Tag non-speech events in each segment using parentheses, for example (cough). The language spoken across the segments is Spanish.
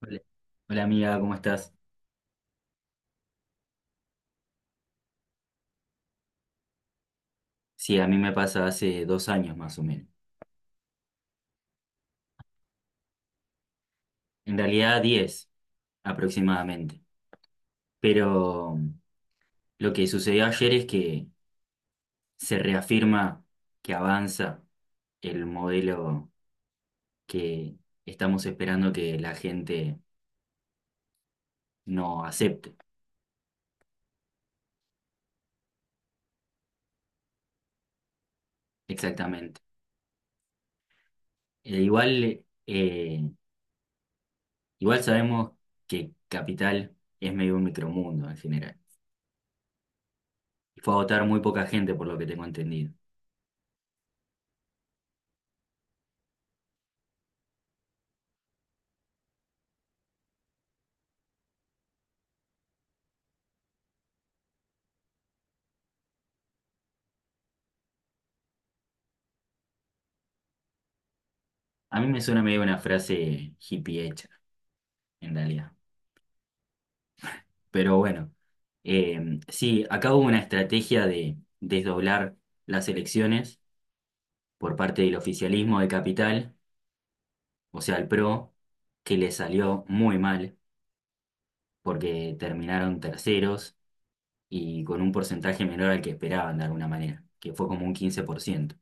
Hola. Hola, amiga, ¿cómo estás? Sí, a mí me pasa hace dos años más o menos. En realidad diez aproximadamente. Pero mm, lo que sucedió ayer es que se reafirma que avanza el modelo que estamos esperando que la gente no acepte. Exactamente. E igual, igual sabemos que Capital es medio un micromundo en general. Y fue a votar muy poca gente por lo que tengo entendido. A mí me suena medio una frase hippie hecha, en realidad. Pero bueno, sí, acá hubo una estrategia de desdoblar las elecciones por parte del oficialismo de Capital, o sea, el PRO, que le salió muy mal porque terminaron terceros y con un porcentaje menor al que esperaban de alguna manera, que fue como un 15%.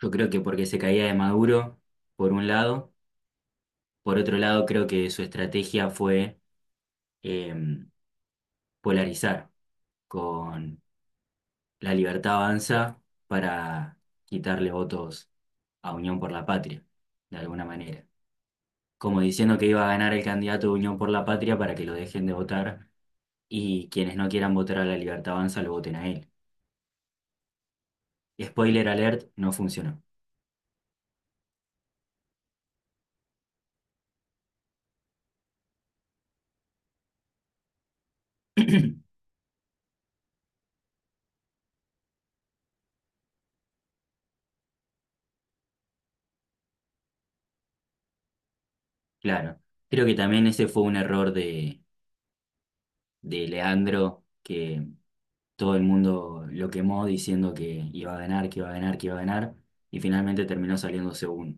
Yo creo que porque se caía de Maduro, por un lado, por otro lado, creo que su estrategia fue em, polarizar con La Libertad Avanza para quitarle votos a Unión por la Patria, de alguna manera. Como diciendo que iba a ganar el candidato de Unión por la Patria para que lo dejen de votar y quienes no quieran votar a La Libertad Avanza lo voten a él. Spoiler alert, no funcionó. (clears throat) Claro, creo que también ese fue un error de Leandro, que todo el mundo lo quemó diciendo que iba a ganar, que iba a ganar, que iba a ganar, y finalmente terminó saliendo segundo.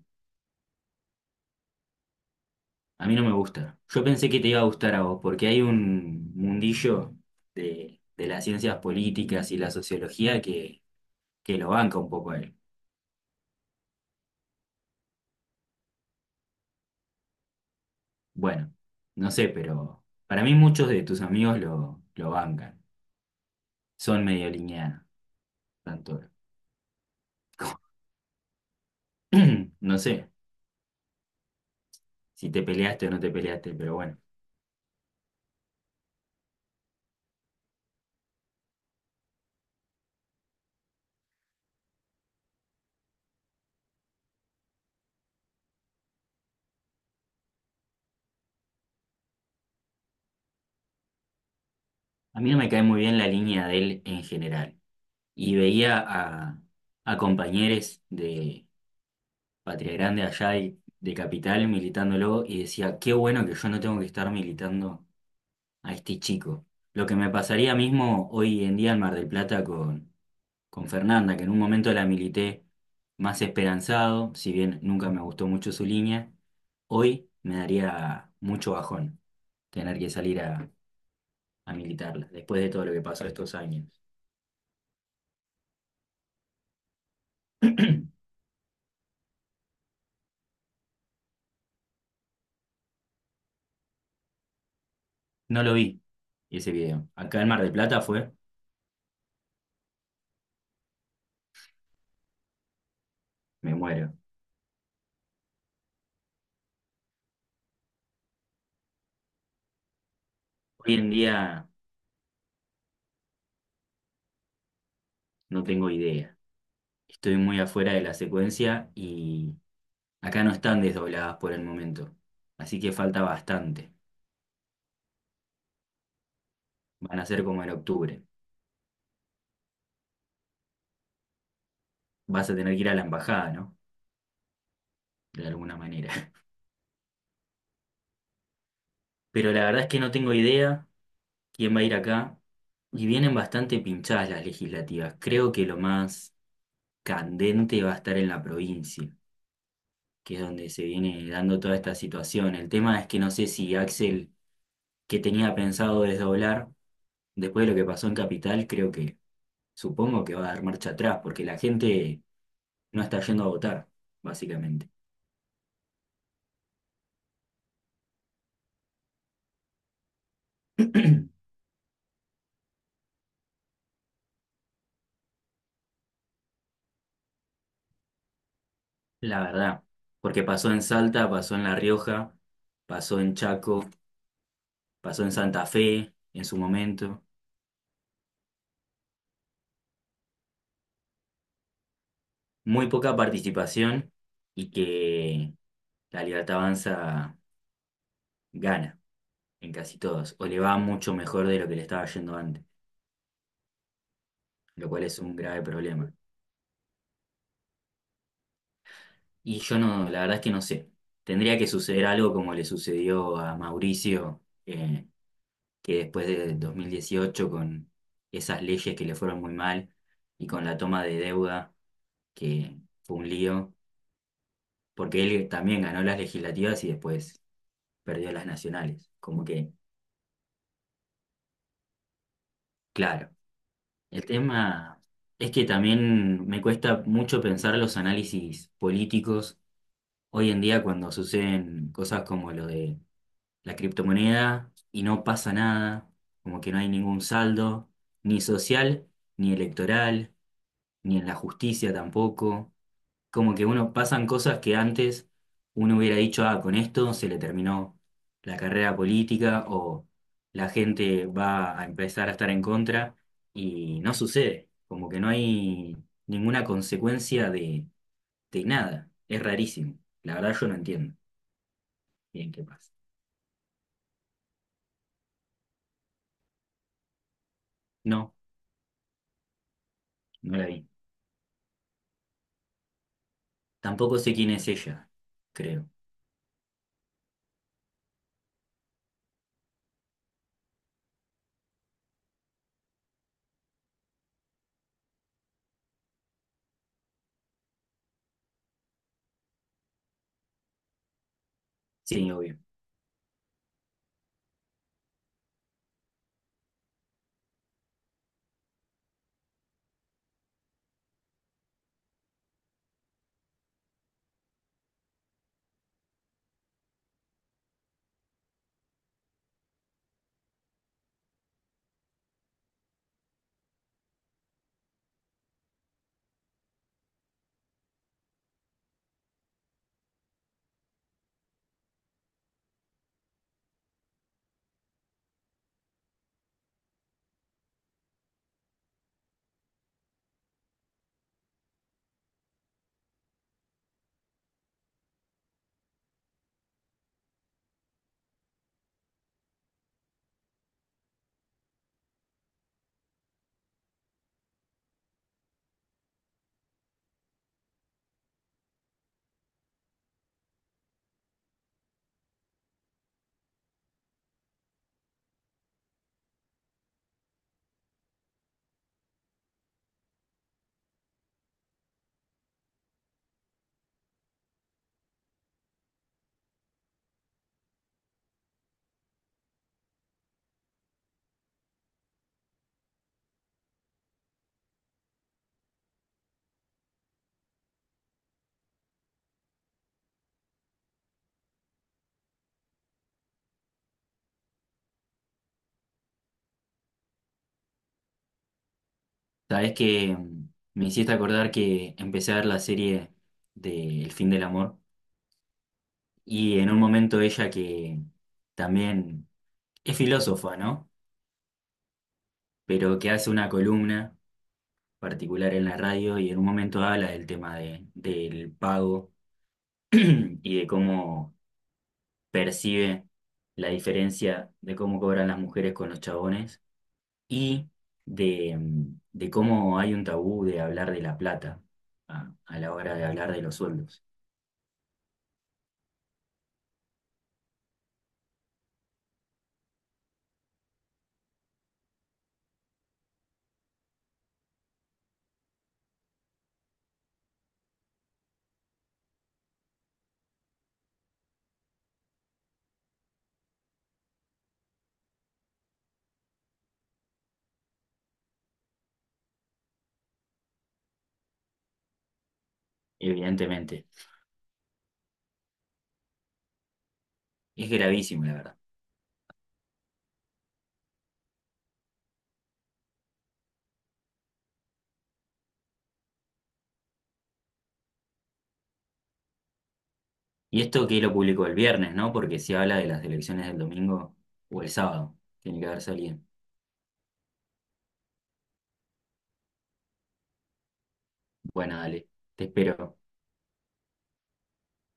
A mí no me gusta. Yo pensé que te iba a gustar a vos, porque hay un mundillo de las ciencias políticas y la sociología que lo banca un poco a él. Bueno, no sé, pero para mí muchos de tus amigos lo bancan. Son medio lineanos, tanto. Como... (clears throat) No sé si te peleaste o no te peleaste, pero bueno. A mí no me cae muy bien la línea de él en general. Y veía a compañeros de Patria Grande allá y de Capital militándolo y decía, qué bueno que yo no tengo que estar militando a este chico. Lo que me pasaría mismo hoy en día en Mar del Plata con Fernanda, que en un momento la milité más esperanzado, si bien nunca me gustó mucho su línea, hoy me daría mucho bajón tener que salir a militarla, después de todo lo que pasó estos años. (clears throat) No lo vi ese video. Acá en Mar del Plata fue, me muero. Hoy en día no tengo idea. Estoy muy afuera de la secuencia y acá no están desdobladas por el momento. Así que falta bastante. Van a ser como en octubre. Vas a tener que ir a la embajada, ¿no? De alguna manera. (laughs) Pero la verdad es que no tengo idea quién va a ir acá. Y vienen bastante pinchadas las legislativas. Creo que lo más candente va a estar en la provincia, que es donde se viene dando toda esta situación. El tema es que no sé si Axel, que tenía pensado desdoblar, después de lo que pasó en Capital, creo que supongo que va a dar marcha atrás, porque la gente no está yendo a votar, básicamente. (clears throat) La verdad, porque pasó en Salta, pasó en La Rioja, pasó en Chaco, pasó en Santa Fe en su momento. Muy poca participación y que la Libertad Avanza gana en casi todos, o le va mucho mejor de lo que le estaba yendo antes, lo cual es un grave problema. Y yo no, la verdad es que no sé. Tendría que suceder algo como le sucedió a Mauricio, eh, que después de 2018, con esas leyes que le fueron muy mal y con la toma de deuda, que fue un lío, porque él también ganó las legislativas y después perdió las nacionales. Como que, claro, el tema es que también me cuesta mucho pensar los análisis políticos hoy en día cuando suceden cosas como lo de la criptomoneda y no pasa nada, como que no hay ningún saldo, ni social, ni electoral ni en la justicia tampoco. Como que uno pasan cosas que antes uno hubiera dicho, ah, con esto se le terminó la carrera política o la gente va a empezar a estar en contra y no sucede, como que no hay ninguna consecuencia de nada. Es rarísimo. La verdad yo no entiendo bien qué pasa. No, no la vi. Tampoco sé quién es ella, creo. Sí, obvio. Sabes que me hiciste acordar que empecé a ver la serie de El fin del amor y en un momento ella que también es filósofa, ¿no? Pero que hace una columna particular en la radio y en un momento habla del tema de, del pago (clears throat) y de cómo percibe la diferencia de cómo cobran las mujeres con los chabones y de, de cómo hay un tabú de hablar de la plata a la hora de hablar de los sueldos. Evidentemente, es gravísimo, la verdad. Y esto que lo publicó el viernes, ¿no? Porque si habla de las elecciones del domingo o el sábado, tiene que haber salido. Bueno, dale, te espero.